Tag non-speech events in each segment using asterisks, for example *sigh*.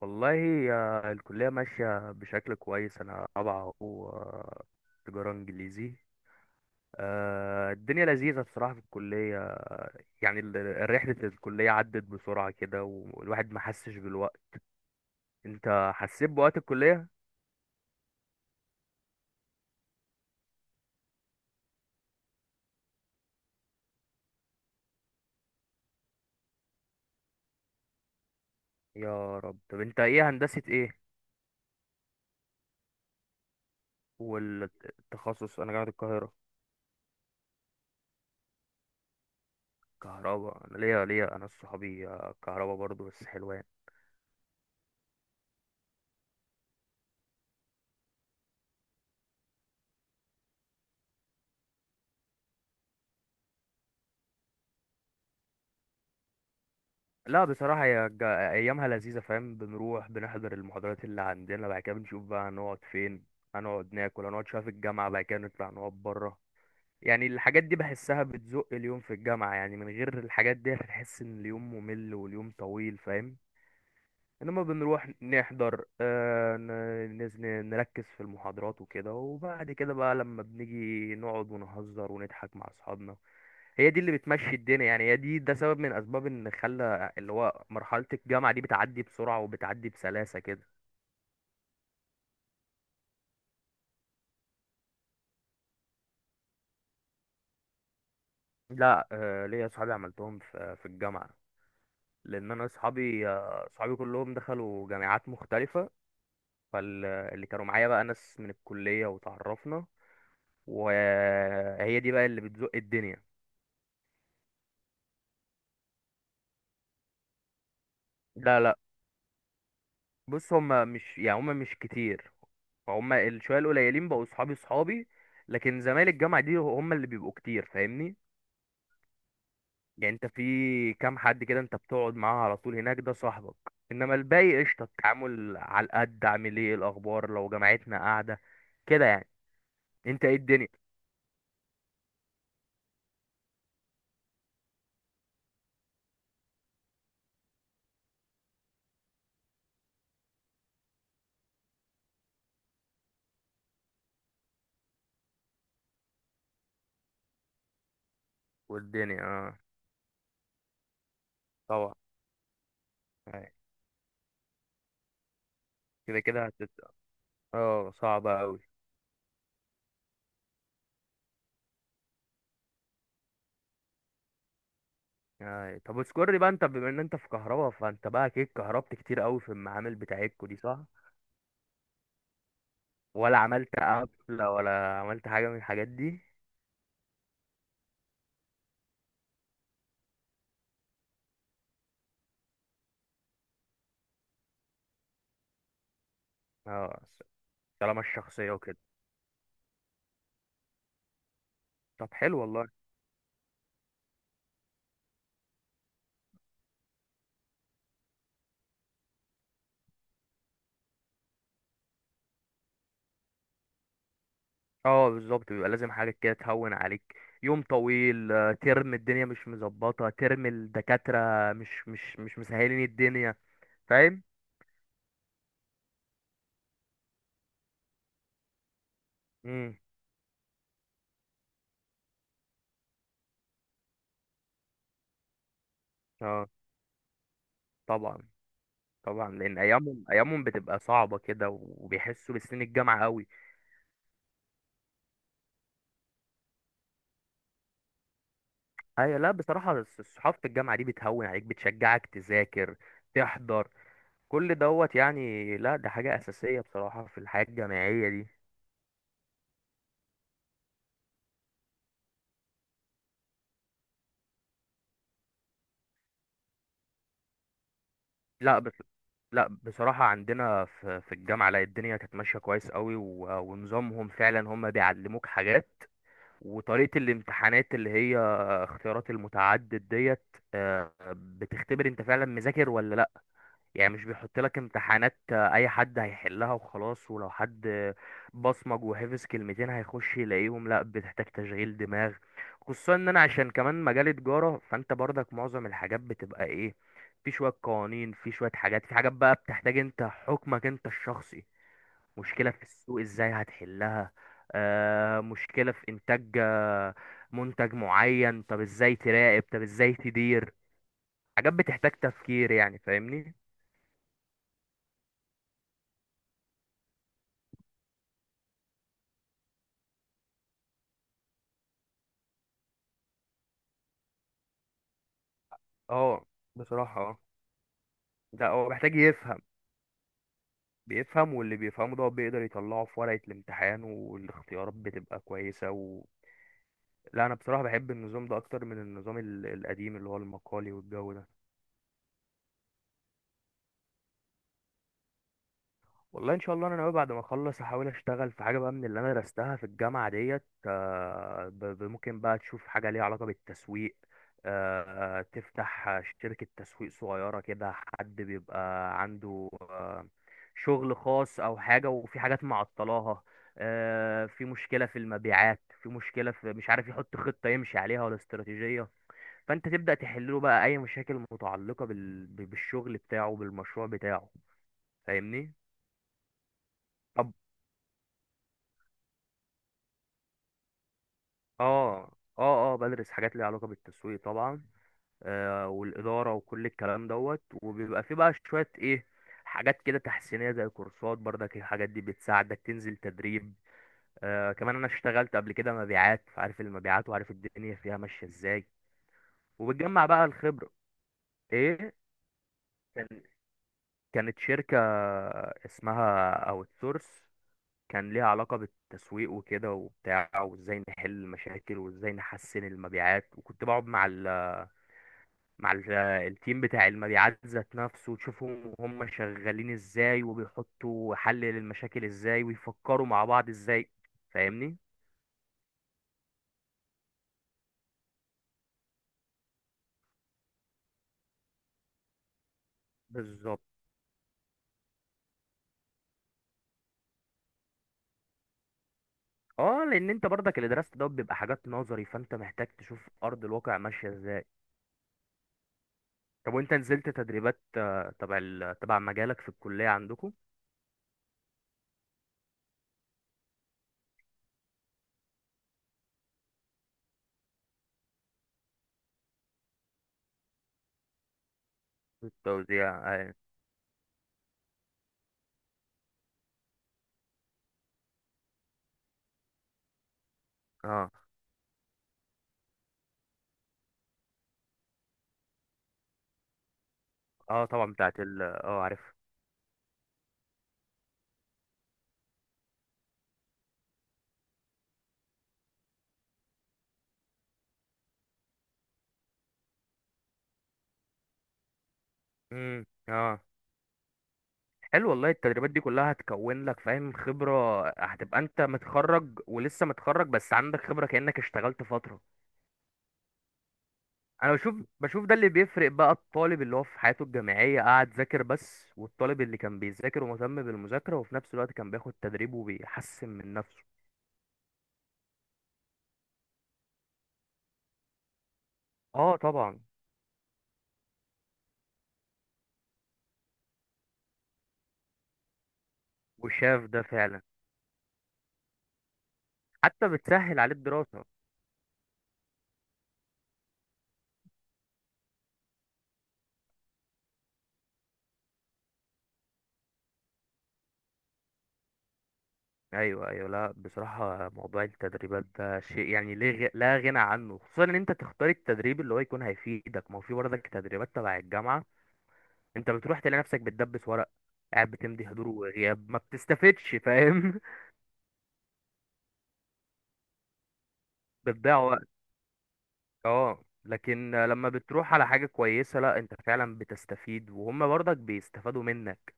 والله، يا الكلية ماشية بشكل كويس. أنا رابعة أهو، تجارة إنجليزي. الدنيا لذيذة بصراحة في الكلية. يعني رحلة الكلية عدت بسرعة كده، والواحد ما حسش بالوقت. أنت حسيت بوقت الكلية؟ يا رب. طب أنت إيه، هندسة إيه؟ والتخصص أنا جامعة القاهرة. كهرباء. أنا ليا صحابي كهرباء برضو، بس حلوة يعني. لا، بصراحة هي أيامها لذيذة، فاهم؟ بنروح بنحضر المحاضرات اللي عندنا، بعد كده بنشوف بقى هنقعد فين، هنقعد ناكل، هنقعد شوية في الجامعة، بعد كده نطلع نقعد برا. يعني الحاجات دي بحسها بتزق اليوم في الجامعة، يعني من غير الحاجات دي هتحس إن اليوم ممل واليوم طويل، فاهم؟ إنما بنروح نحضر نركز في المحاضرات وكده، وبعد كده بقى لما بنيجي نقعد ونهزر ونضحك مع أصحابنا. هي دي اللي بتمشي الدنيا، يعني هي دي ده سبب من اسباب ان خلى اللي هو مرحله الجامعه دي بتعدي بسرعه وبتعدي بسلاسه كده. لا، ليا اصحابي عملتهم في الجامعه. لان انا اصحابي كلهم دخلوا جامعات مختلفه. فاللي كانوا معايا بقى ناس من الكليه، وتعرفنا، وهي دي بقى اللي بتزق الدنيا. لا، لا. بص، هم مش يعني هم مش كتير. فهم الشويه القليلين بقوا اصحابي اصحابي. لكن زمايل الجامعه دي هم اللي بيبقوا كتير، فاهمني؟ يعني انت في كام حد كده انت بتقعد معاه على طول، هناك ده صاحبك. انما الباقي قشطه، التعامل على القد: عامل ايه، الاخبار، لو جامعتنا قاعده، كده يعني. انت ايه الدنيا؟ والدنيا، طبعا. آه، كده كده هتت. اه، صعبه قوي. آه. طب اذكر لي بقى، انت بما ان انت في كهربا، فانت بقى اكيد كهربت كتير قوي في المعامل بتاعتكو دي، صح؟ ولا عملت قفله ولا عملت حاجه من الحاجات دي؟ اه، طالما الشخصيه وكده. طب، حلو والله. اه، بالظبط، بيبقى لازم حاجة كده تهون عليك. يوم طويل، ترم الدنيا مش مظبطة، ترم الدكاترة مش مسهلين الدنيا، فاهم؟ امم اه، طبعا طبعا. لان ايامهم بتبقى صعبة كده، وبيحسوا بسنين الجامعة قوي. ايوه، لا بصراحة صحافة الجامعة دي بتهون عليك، بتشجعك تذاكر، تحضر، كل دوت يعني. لا، ده حاجة أساسية بصراحة في الحياة الجامعية دي. لا بس، لا بصراحة عندنا في الجامعة، لا الدنيا كانت ماشية كويس قوي، ونظامهم فعلا هم بيعلموك حاجات. وطريقة الامتحانات اللي هي اختيارات المتعدد ديت، بتختبر انت فعلا مذاكر ولا. يعني مش بيحط لك امتحانات اي حد هيحلها وخلاص، ولو حد بصمج وحفظ كلمتين هيخش يلاقيهم، لا بتحتاج تشغيل دماغ. خصوصا ان انا عشان كمان مجال تجارة، فانت برضك معظم الحاجات بتبقى ايه؟ في شوية قوانين، في شوية حاجات، في حاجات بقى بتحتاج انت حكمك انت الشخصي. مشكلة في السوق ازاي هتحلها؟ مشكلة في انتاج منتج معين، طب ازاي تراقب، طب ازاي تدير. حاجات بتحتاج تفكير يعني، فاهمني؟ اه بصراحة. اه، ده هو محتاج يفهم. بيفهم، واللي بيفهمه ده هو بيقدر يطلعه في ورقة الامتحان، والاختيارات بتبقى كويسة و. لا، أنا بصراحة بحب النظام ده أكتر من النظام القديم اللي هو المقالي والجو ده. والله، ان شاء الله انا ناوي بعد ما اخلص احاول اشتغل في حاجه بقى من اللي انا درستها في الجامعه ديت. ممكن بقى تشوف حاجه ليها علاقه بالتسويق. تفتح شركه تسويق صغيره كده، حد بيبقى عنده شغل خاص او حاجه، وفي حاجات معطلاها. في مشكله في المبيعات، في مشكله في مش عارف يحط خطه يمشي عليها ولا استراتيجيه. فانت تبدا تحل له بقى اي مشاكل متعلقه بالشغل بتاعه، بالمشروع بتاعه. فاهمني؟ اه، اه، اه، بدرس حاجات ليها علاقة بالتسويق طبعا. والإدارة وكل الكلام دوت، وبيبقى في بقى شوية ايه؟ حاجات كده تحسينية زي كورسات، برضك الحاجات دي بتساعدك تنزل تدريب. كمان انا اشتغلت قبل كده مبيعات، فعارف المبيعات وعارف الدنيا فيها ماشية ازاي. وبتجمع بقى الخبرة. ايه، كان كانت شركة اسمها اوت سورس. كان ليها علاقة بالتسويق وكده وبتاع، وازاي نحل المشاكل وازاي نحسن المبيعات، وكنت بقعد التيم بتاع المبيعات ذات نفسه، تشوفهم وهم شغالين ازاي، وبيحطوا حل للمشاكل ازاي، ويفكروا مع بعض ازاي. فاهمني؟ بالظبط. اه، لان انت برضك اللي درست ده بيبقى حاجات نظري، فانت محتاج تشوف ارض الواقع ماشيه ازاي. طب، وانت نزلت تدريبات آه، تبع ال- آه، تبع مجالك في الكليه عندكم؟ في التوزيع، اه. اه، آه طبعا، بتاعت ال عارف. اه، حلو والله. التدريبات دي كلها هتكون لك فاهم خبرة، هتبقى انت متخرج ولسه متخرج بس عندك خبرة كأنك اشتغلت فترة. انا بشوف ده اللي بيفرق بقى الطالب اللي هو في حياته الجامعية قاعد ذاكر بس، والطالب اللي كان بيذاكر ومهتم بالمذاكرة وفي نفس الوقت كان بياخد تدريب وبيحسن من نفسه. اه طبعا، وشاف ده فعلا، حتى بتسهل عليه الدراسة. ايوه، ايوه. لا بصراحه موضوع التدريبات ده شيء يعني ليه لا غنى عنه. خصوصا ان انت تختار التدريب اللي هو يكون هيفيدك، ما هو في برضك تدريبات تبع الجامعه. انت بتروح تلاقي نفسك بتدبس ورق، قاعد بتمضي حضور وغياب، ما بتستفدش، فاهم؟ *laughs* بتضيع وقت. اه، لكن لما بتروح على حاجه كويسه، لا انت فعلا بتستفيد وهم برضك بيستفادوا منك.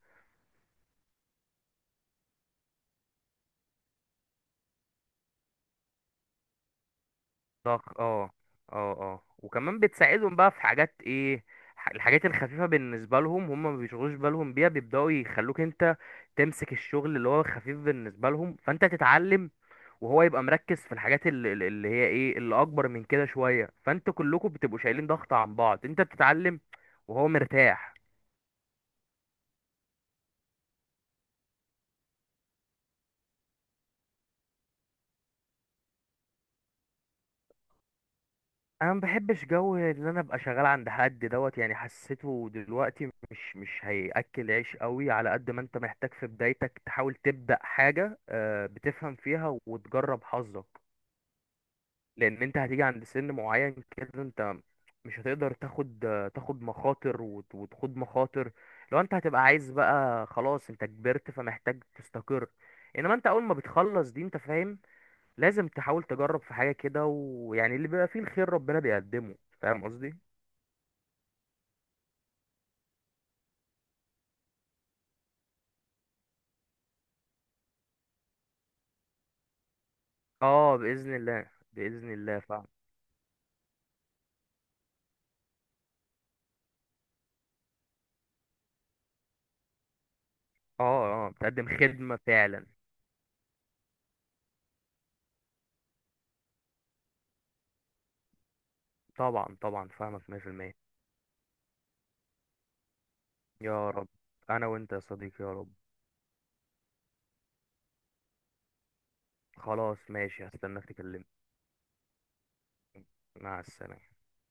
ضغط. اه، اه، اه، وكمان بتساعدهم بقى في حاجات ايه؟ الحاجات الخفيفة بالنسبة لهم هم ما بيشغلوش بالهم بيها، بيبدأوا يخلوك انت تمسك الشغل اللي هو خفيف بالنسبة لهم، فانت تتعلم. وهو يبقى مركز في الحاجات اللي هي ايه اللي اكبر من كده شوية، فانتوا كلكم بتبقوا شايلين ضغط عن بعض، انت بتتعلم. وهو مرتاح. انا ما بحبش جو ان انا ابقى شغال عند حد دوت يعني، حسيته دلوقتي مش هياكل عيش قوي، على قد ما انت محتاج في بدايتك تحاول تبدا حاجه بتفهم فيها وتجرب حظك. لان انت هتيجي عند سن معين كده، انت مش هتقدر تاخد مخاطر وتخوض مخاطر. لو انت هتبقى عايز بقى، خلاص انت كبرت فمحتاج تستقر. انما انت اول ما بتخلص دي، انت فاهم؟ لازم تحاول تجرب في حاجة كده، ويعني اللي بيبقى فيه الخير ربنا بيقدمه. فاهم قصدي؟ اه، بإذن الله بإذن الله فعلا. اه، اه، بتقدم خدمة فعلا. طبعا طبعا، فاهمك 100%. يا رب. انا وانت يا صديقي، يا رب. خلاص، ماشي، هستناك تكلمني. مع السلامة.